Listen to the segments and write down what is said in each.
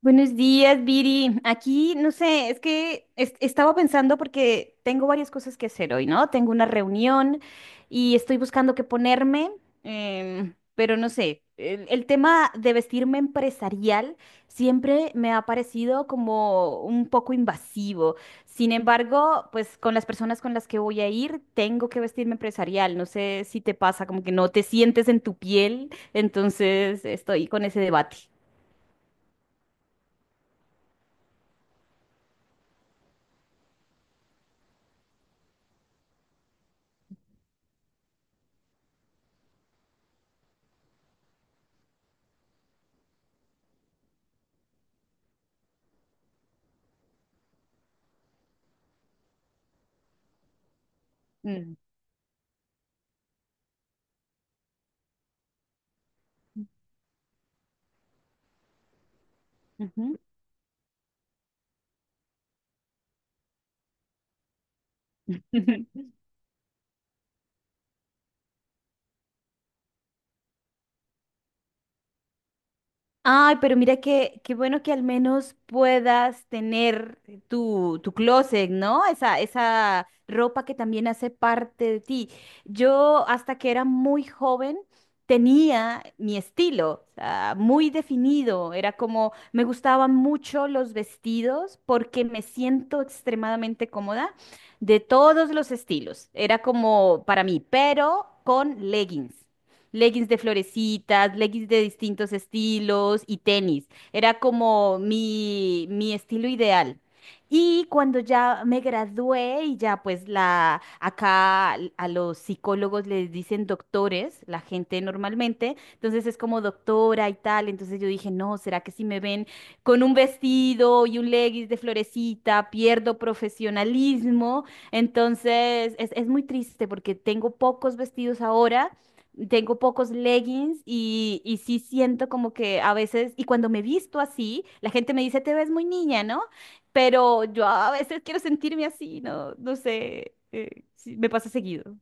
Buenos días, Viri. Aquí, no sé, estaba pensando porque tengo varias cosas que hacer hoy, ¿no? Tengo una reunión y estoy buscando qué ponerme, pero no sé, el tema de vestirme empresarial siempre me ha parecido como un poco invasivo. Sin embargo, pues con las personas con las que voy a ir, tengo que vestirme empresarial. No sé si te pasa, como que no te sientes en tu piel, entonces estoy con ese debate. Mm. Ujú. Ay, pero mira que qué bueno que al menos puedas tener tu closet, ¿no? Esa ropa que también hace parte de ti. Yo hasta que era muy joven tenía mi estilo, o sea, muy definido. Era como, me gustaban mucho los vestidos porque me siento extremadamente cómoda de todos los estilos. Era como para mí, pero con leggings. Leggings de florecitas, leggings de distintos estilos y tenis. Era como mi estilo ideal. Y cuando ya me gradué y ya pues la acá a los psicólogos les dicen doctores, la gente normalmente, entonces es como doctora y tal, entonces yo dije: "No, ¿será que si me ven con un vestido y un leggings de florecita pierdo profesionalismo?". Entonces es muy triste porque tengo pocos vestidos, ahora tengo pocos leggings y sí siento como que a veces, y cuando me visto así, la gente me dice, te ves muy niña, ¿no? Pero yo a veces quiero sentirme así, no, no sé, sí, me pasa seguido.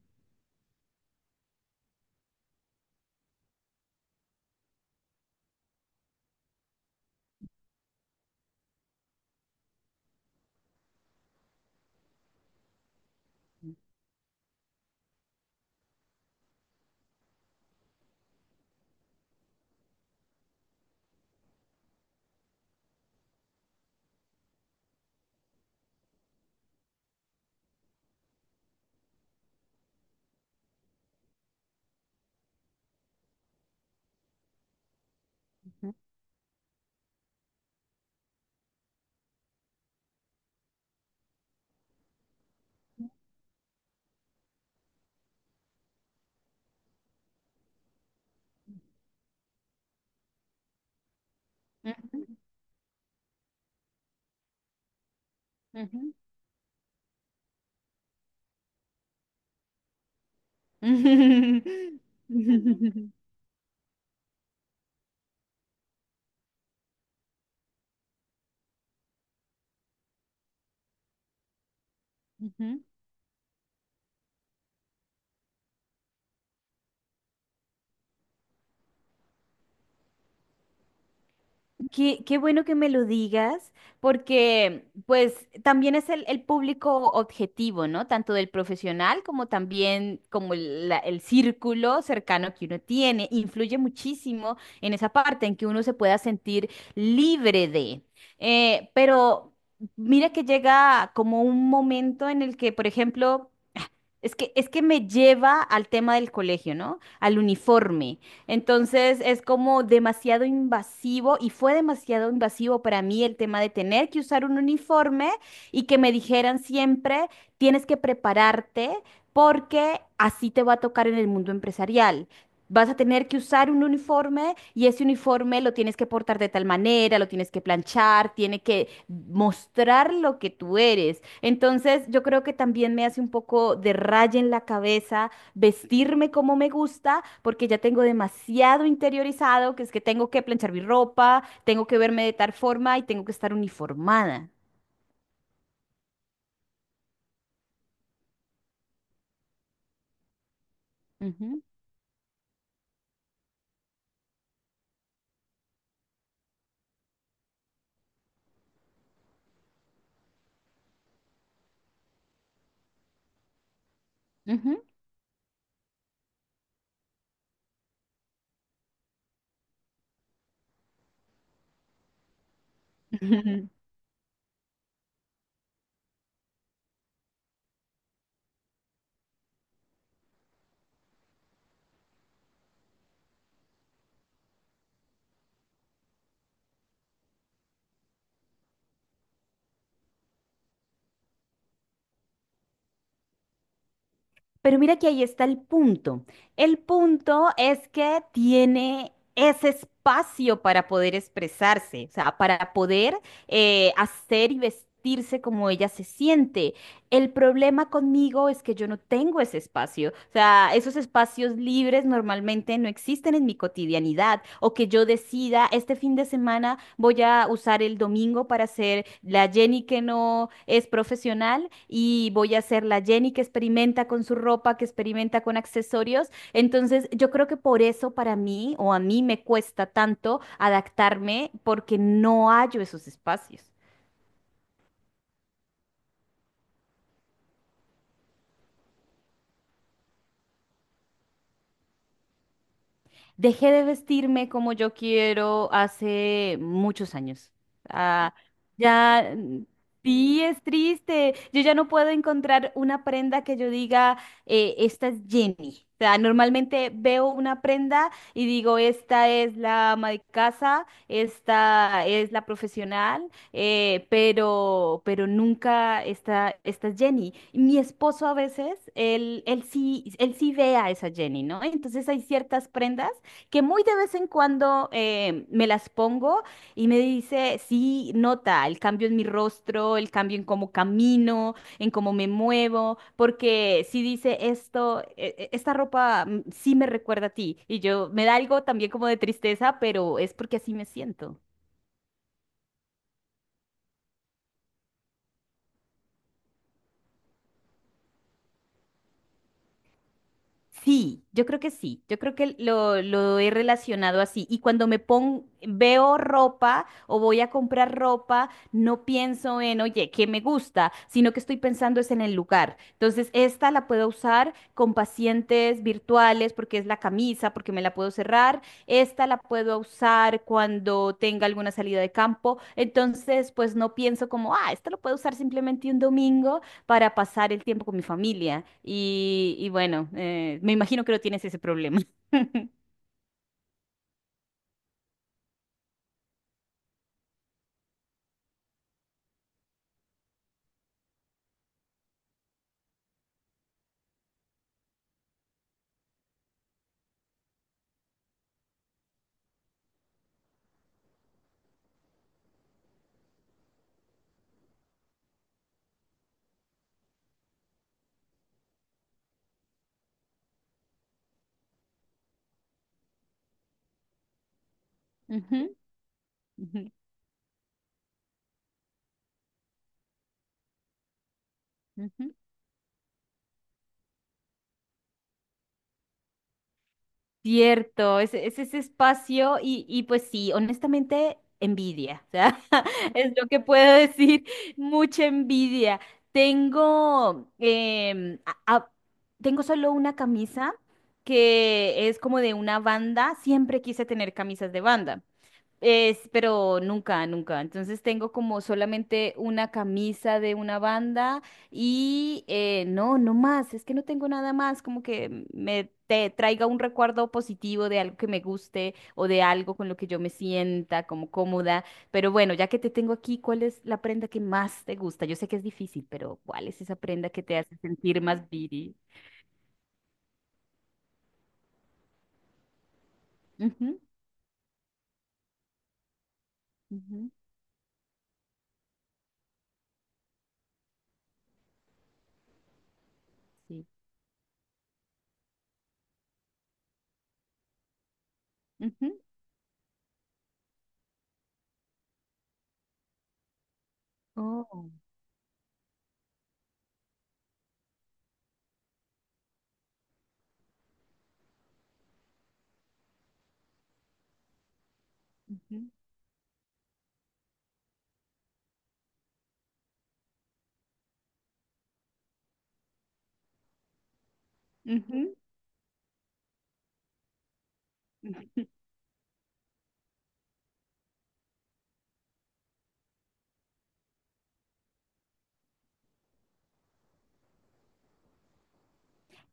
Ujú, ujú, ujú. Ujú. Qué bueno que me lo digas, porque pues también es el público objetivo, ¿no? Tanto del profesional como también como el, el círculo cercano que uno tiene. Influye muchísimo en esa parte en que uno se pueda sentir libre de. Pero mira que llega como un momento en el que, por ejemplo... Es que me lleva al tema del colegio, ¿no? Al uniforme. Entonces es como demasiado invasivo y fue demasiado invasivo para mí el tema de tener que usar un uniforme y que me dijeran siempre, tienes que prepararte porque así te va a tocar en el mundo empresarial. Vas a tener que usar un uniforme y ese uniforme lo tienes que portar de tal manera, lo tienes que planchar, tiene que mostrar lo que tú eres. Entonces, yo creo que también me hace un poco de raya en la cabeza vestirme como me gusta, porque ya tengo demasiado interiorizado, que es que tengo que planchar mi ropa, tengo que verme de tal forma y tengo que estar uniformada. Ujú, ujú. Pero mira que ahí está el punto. El punto es que tiene ese espacio para poder expresarse, o sea, para poder hacer y vestirse como ella se siente. El problema conmigo es que yo no tengo ese espacio. O sea, esos espacios libres normalmente no existen en mi cotidianidad. O que yo decida, este fin de semana voy a usar el domingo para ser la Jenny que no es profesional y voy a ser la Jenny que experimenta con su ropa, que experimenta con accesorios. Entonces, yo creo que por eso para mí o a mí me cuesta tanto adaptarme porque no hallo esos espacios. Dejé de vestirme como yo quiero hace muchos años. Ah, ya, mm, sí, es triste. Yo ya no puedo encontrar una prenda que yo diga, esta es Jenny. O sea, normalmente veo una prenda y digo, esta es la ama de casa, esta es la profesional, pero nunca esta es Jenny. Y mi esposo a veces, él sí ve a esa Jenny, ¿no? Entonces hay ciertas prendas que muy de vez en cuando me las pongo y me dice, sí, nota el cambio en mi rostro, el cambio en cómo camino, en cómo me muevo, porque si dice esto, esta ropa sí me recuerda a ti. Y yo me da algo también como de tristeza, pero es porque así me siento. Sí, yo creo que sí, yo creo que lo he relacionado así. Y cuando me pongo, veo ropa o voy a comprar ropa, no pienso en, oye, ¿qué me gusta? Sino que estoy pensando es en el lugar. Entonces, esta la puedo usar con pacientes virtuales porque es la camisa, porque me la puedo cerrar. Esta la puedo usar cuando tenga alguna salida de campo. Entonces, pues no pienso como, ah, esta lo puedo usar simplemente un domingo, para pasar el tiempo con mi familia. Y bueno, me imagino que no tienes ese problema. Ujú, ujú, ujú. Cierto, es ese espacio y pues sí, honestamente, envidia, o sea, es lo que puedo decir, mucha envidia. Tengo, tengo solo una camisa que es como de una banda, siempre quise tener camisas de banda. Es, pero nunca, nunca. Entonces tengo como solamente una camisa de una banda y no, no más. Es que no tengo nada más como que me te traiga un recuerdo positivo de algo que me guste o de algo con lo que yo me sienta como cómoda. Pero bueno, ya que te tengo aquí, ¿cuál es la prenda que más te gusta? Yo sé que es difícil, pero ¿cuál es esa prenda que te hace sentir más beauty? Ujú, ujú, sí. Ujú. Oh. Ujú, ujú, ujú.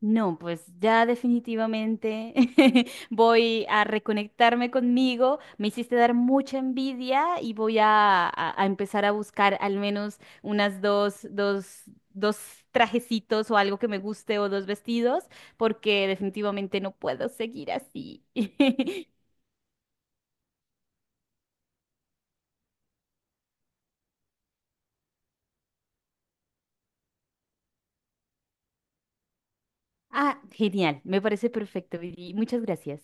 No, pues ya definitivamente voy a reconectarme conmigo. Me hiciste dar mucha envidia y voy a empezar a buscar al menos unas dos trajecitos o algo que me guste o dos vestidos, porque definitivamente no puedo seguir así. Ah, genial, me parece perfecto, Viri. Muchas gracias.